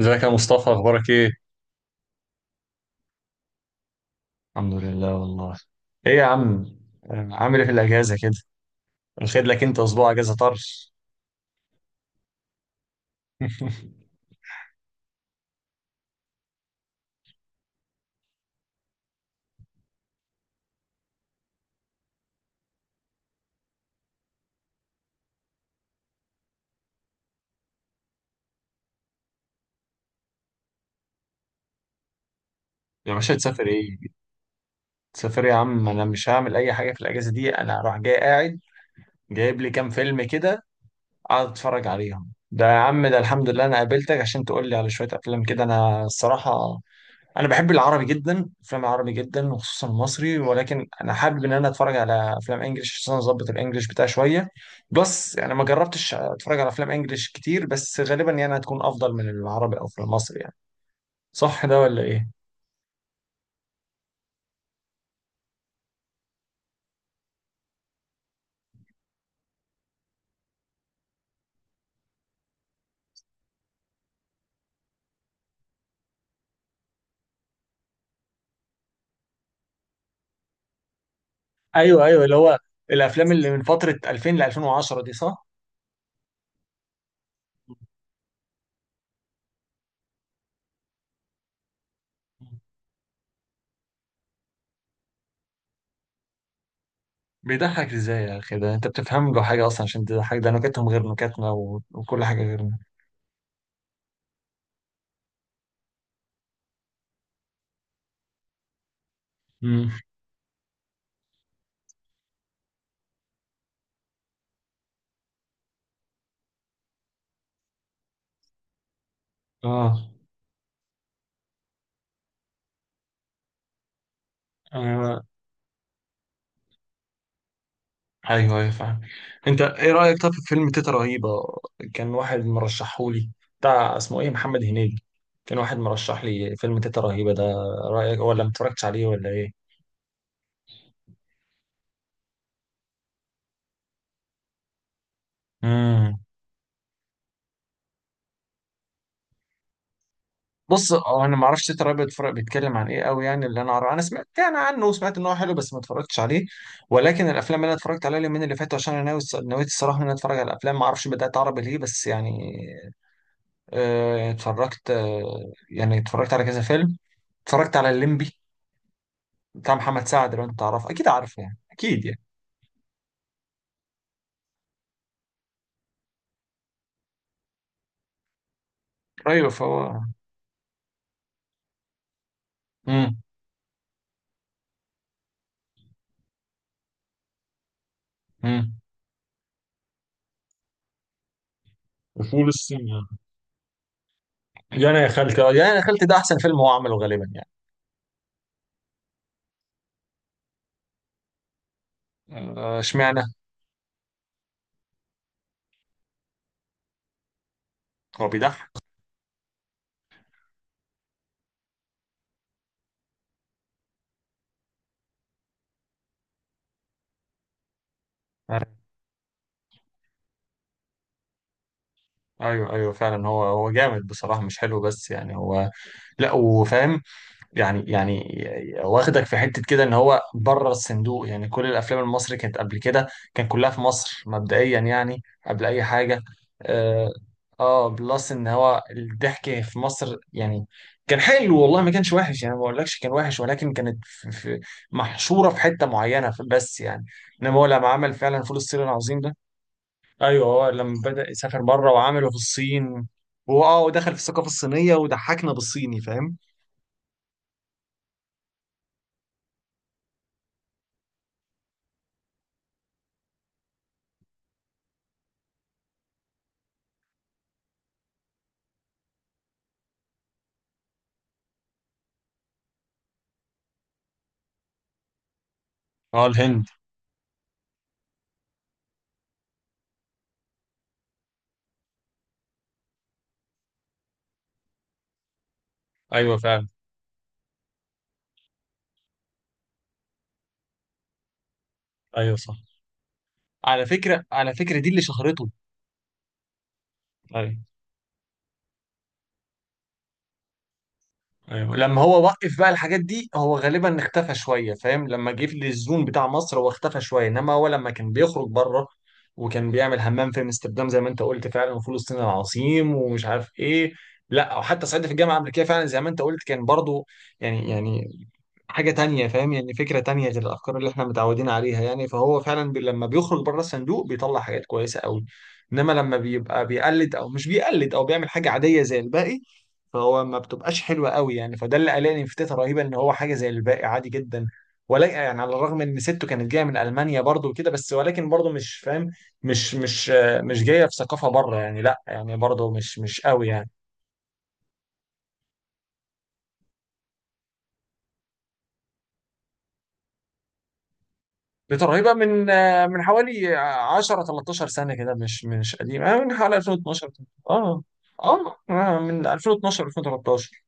ازيك يا مصطفى، اخبارك ايه؟ الحمد لله والله. ايه يا عم. عامل ايه في الاجازه كده؟ واخد لك انت اسبوع اجازه طرش. يا باشا تسافر ايه؟ تسافر إيه يا عم؟ انا مش هعمل اي حاجه في الاجازه دي، انا هروح جاي قاعد. جايب لي كام فيلم كده اقعد اتفرج عليهم. ده يا عم، ده الحمد لله انا قابلتك عشان تقول لي على شويه افلام كده. انا الصراحه انا بحب العربي جدا، افلام العربي جدا، وخصوصا المصري، ولكن انا حابب ان انا اتفرج على افلام انجليش عشان اظبط الانجليش بتاعي شويه. بس يعني ما جربتش اتفرج على افلام انجليش كتير، بس غالبا يعني هتكون افضل من العربي او في المصري يعني. صح ده ولا ايه؟ ايوه، ايوه، اللي هو الافلام اللي من فتره 2000 ل 2010 دي، صح؟ بيضحك ازاي يا اخي؟ ده انت بتفهم له حاجه اصلا عشان تضحك؟ ده نكتهم غير نكتنا وكل حاجه غيرنا. امم. اه، ايوه، ايوه، ايوه، فاهم. انت ايه رايك طب في فيلم تيتا رهيبه؟ كان واحد مرشحهولي، بتاع اسمه ايه، محمد هنيدي. كان واحد مرشح لي فيلم تيتا رهيبه ده. رايك، ولا ما اتفرجتش عليه ولا ايه؟ امم. بص، اه، انا ما اعرفش تيتا رهيبه بيتفرج بيتكلم عن ايه قوي يعني. اللي انا اعرفه انا سمعت يعني عنه وسمعت ان هو حلو بس ما اتفرجتش عليه. ولكن الافلام اللي انا اتفرجت عليها اليومين اللي فاتوا، عشان انا ناوي نويت الصراحه ان انا اتفرج على الافلام، ما اعرفش بدات عربي ليه بس يعني. اتفرجت، يعني اتفرجت على كذا فيلم. اتفرجت على الليمبي بتاع محمد سعد، لو انت تعرفه اكيد عارفه يعني، اكيد يعني. ايوه فهو. امم. امم. فول الصين يعني. يعني يا خالتي، يعني يا خالتي، ده احسن فيلم هو عمله غالبا يعني. اشمعنى؟ هو بيضحك. آه، ايوه، ايوه فعلا، هو جامد بصراحه، مش حلو بس يعني هو. لا وفاهم. يعني واخدك في حتة كده ان هو بره الصندوق. يعني كل الافلام المصري كانت قبل كده كان كلها في مصر مبدئيا يعني قبل اي حاجة. اه. بلس ان هو الضحك في مصر يعني كان حلو، والله ما كانش وحش يعني، ما بقولكش كان وحش، ولكن كانت في محشورة في حتة معينة، بس يعني انما هو لما عمل فعلا فول الصين العظيم ده. ايوه، هو لما بدأ يسافر بره وعمله في الصين. واه، ودخل في الثقافة الصينية وضحكنا بالصيني، فاهم. اه، الهند. ايوه فعلا، ايوه صح. على فكره دي اللي شهرته. ايوه، ايوه لما هو وقف بقى الحاجات دي هو غالبا اختفى شويه، فاهم؟ لما جه في الزون بتاع مصر هو اختفى شويه، انما هو لما كان بيخرج بره، وكان بيعمل حمام في امستردام زي ما انت قلت فعلا، وفلسطين العظيم، ومش عارف ايه. لا، وحتى صعيدي في الجامعه الامريكيه فعلا زي ما انت قلت كان برضو. يعني حاجه تانية، فاهم؟ يعني فكره تانية غير الافكار اللي احنا متعودين عليها يعني. فهو فعلا بي لما بيخرج بره الصندوق بيطلع حاجات كويسه قوي. انما لما بيبقى بيقلد او مش بيقلد او بيعمل حاجه عاديه زي الباقي، فهو ما بتبقاش حلوه قوي يعني. فده اللي قلقني في تيتا رهيبه ان هو حاجه زي الباقي عادي جدا. ولكن يعني على الرغم ان سته كانت جايه من المانيا برضو وكده، بس ولكن برضو مش فاهم. مش جايه في ثقافه بره يعني، لا يعني برضو مش قوي يعني. تيتا رهيبه من من حوالي 10 13 سنه كده، مش قديمه، من حوالي 2012. اه، اه، من 2012 2013.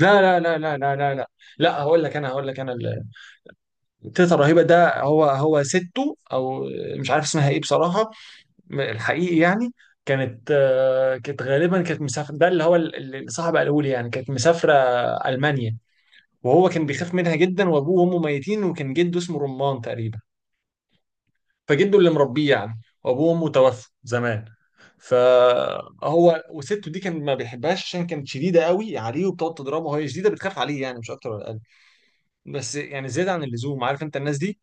لا، لا، لا، لا، لا، لا، لا. لا، هقول لك انا. تيتا رهيبة ده هو سته، أو مش عارف اسمها إيه بصراحة، الحقيقي يعني. كانت، كانت غالبا كانت مسافرة، ده اللي هو اللي صاحب الأولي يعني، كانت مسافرة ألمانيا. وهو كان بيخاف منها جدا، وأبوه وأمه ميتين، وكان جده اسمه رمان تقريبا. فجده اللي مربيه يعني، وأبوه وأمه توفوا زمان. فهو وسته دي كان ما بيحبهاش عشان كانت شديده قوي عليه وبتقعد تضربه، وهي شديده بتخاف عليه يعني، مش اكتر ولا اقل، بس يعني زياده عن اللزوم، عارف انت الناس دي.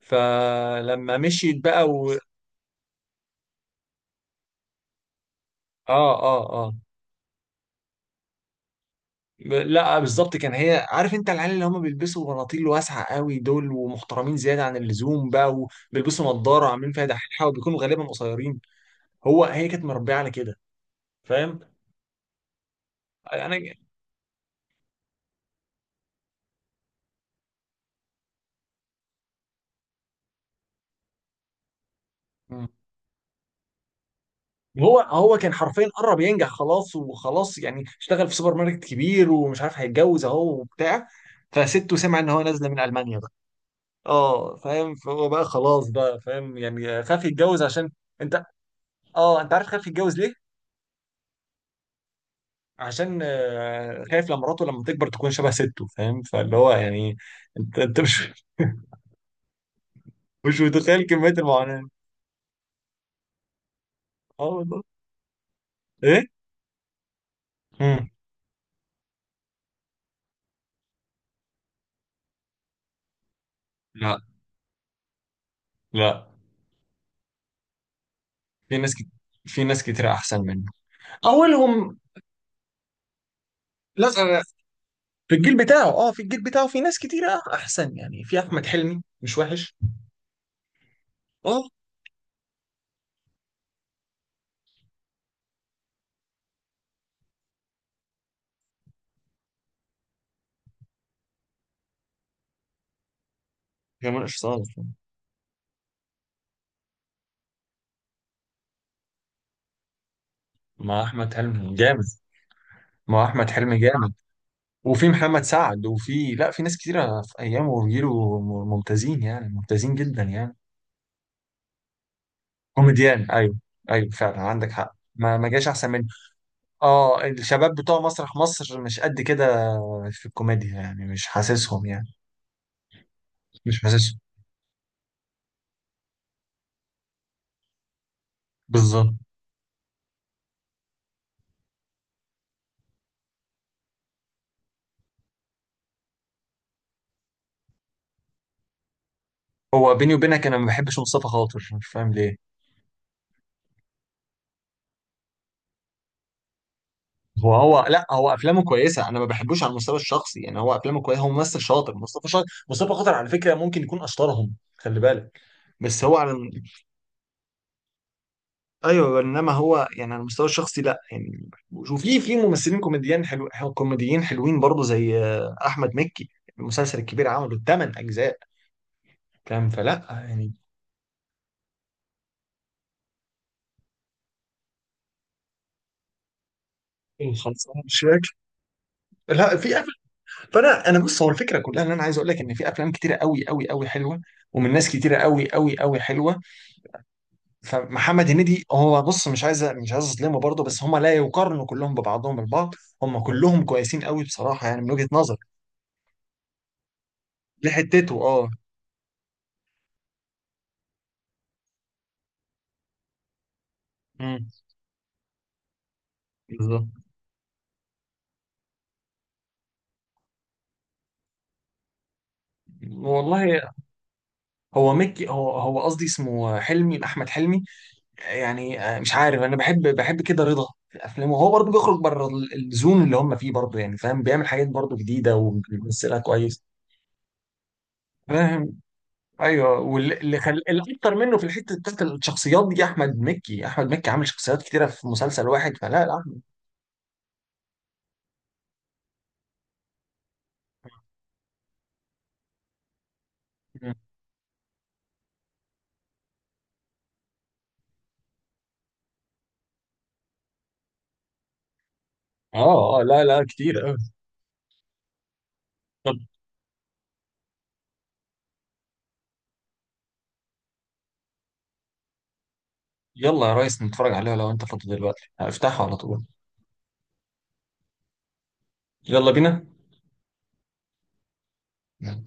فلما مشيت بقى اه، اه، اه. لا، بالظبط، كان هي، عارف انت العيال اللي هم بيلبسوا بناطيل واسعه قوي دول ومحترمين زياده عن اللزوم بقى، وبيلبسوا نضاره وعاملين فيها دحيحه وبيكونوا غالبا قصيرين. هو هي كانت مربيه على كده، فاهم. انا. مم. هو كان حرفيا قرب ينجح خلاص وخلاص يعني، اشتغل في سوبر ماركت كبير ومش عارف، هيتجوز اهو وبتاع. فسته سمع ان هو نازله من المانيا بقى. اه، فاهم، فهو بقى خلاص بقى، فاهم يعني خاف يتجوز عشان. انت. اه، انت عارف خايف يتجوز ليه؟ عشان خايف لما مراته لما تكبر تكون شبه سته، فاهم، فاللي هو يعني. انت مش. مش متخيل كمية المعاناة. اه والله. ايه؟ مم. لا. لا. في ناس كت... في ناس كتير احسن منه، اولهم. لا. في الجيل بتاعه في ناس كتير احسن يعني، في احمد حلمي مش وحش. اه، جمال اشرف صالح. مع احمد حلمي جامد. مع احمد حلمي جامد. وفي محمد سعد، وفي لا في ناس كتيرة في أيامه وجيله ممتازين يعني، ممتازين جدا يعني. كوميديان، أيوه. أيوه فعلا عندك حق، ما جاش أحسن منه. أه، الشباب بتوع مسرح مصر مش قد كده في الكوميديا يعني، مش حاسسهم يعني. مش حاسسهم. بالظبط. هو بيني وبينك أنا ما بحبش مصطفى خاطر، مش فاهم ليه. هو لا، هو افلامه كويسه، انا ما بحبوش على المستوى الشخصي يعني. هو افلامه كويسه، هو ممثل شاطر، مصطفى شاطر، مصطفى خاطر على فكره ممكن يكون اشطرهم، خلي بالك. بس هو على. ايوه انما هو يعني على المستوى الشخصي لا يعني. وفي ممثلين كوميديان، حلو كوميديين حلوين برضه، زي احمد مكي. المسلسل الكبير عمله ثمان اجزاء، فاهم، فلا يعني. إيه، خلصان مش فاكر. لا، في أفلام. فانا بص، هو الفكره كلها ان انا عايز اقول لك ان في افلام كتيره قوي قوي قوي حلوه، ومن ناس كتيره قوي قوي قوي حلوه. فمحمد هنيدي هو، بص، مش عايز اظلمه برضه، بس هم لا يقارنوا كلهم ببعضهم البعض، هم كلهم كويسين قوي بصراحه يعني، من وجهه نظر لحتته، اه. امم. بالظبط. والله. هو مكي هو قصدي اسمه حلمي، احمد حلمي. يعني مش عارف، انا بحب كده رضا في افلامه، هو برضه بيخرج بره ال- الزون اللي هم فيه برضه، يعني فاهم؟ بيعمل حاجات برضه جديده وبيمثلها كويس، فاهم. ايوه، الاكتر منه في الحته بتاعت الشخصيات دي احمد مكي عامل شخصيات كتيره في مسلسل واحد، فلا لا احمد. مم. اه، اه، لا، لا، كتير أوي. طب، يلا يا ريس نتفرج عليها لو انت فاضي دلوقتي، هفتحه على طول. يلا بينا.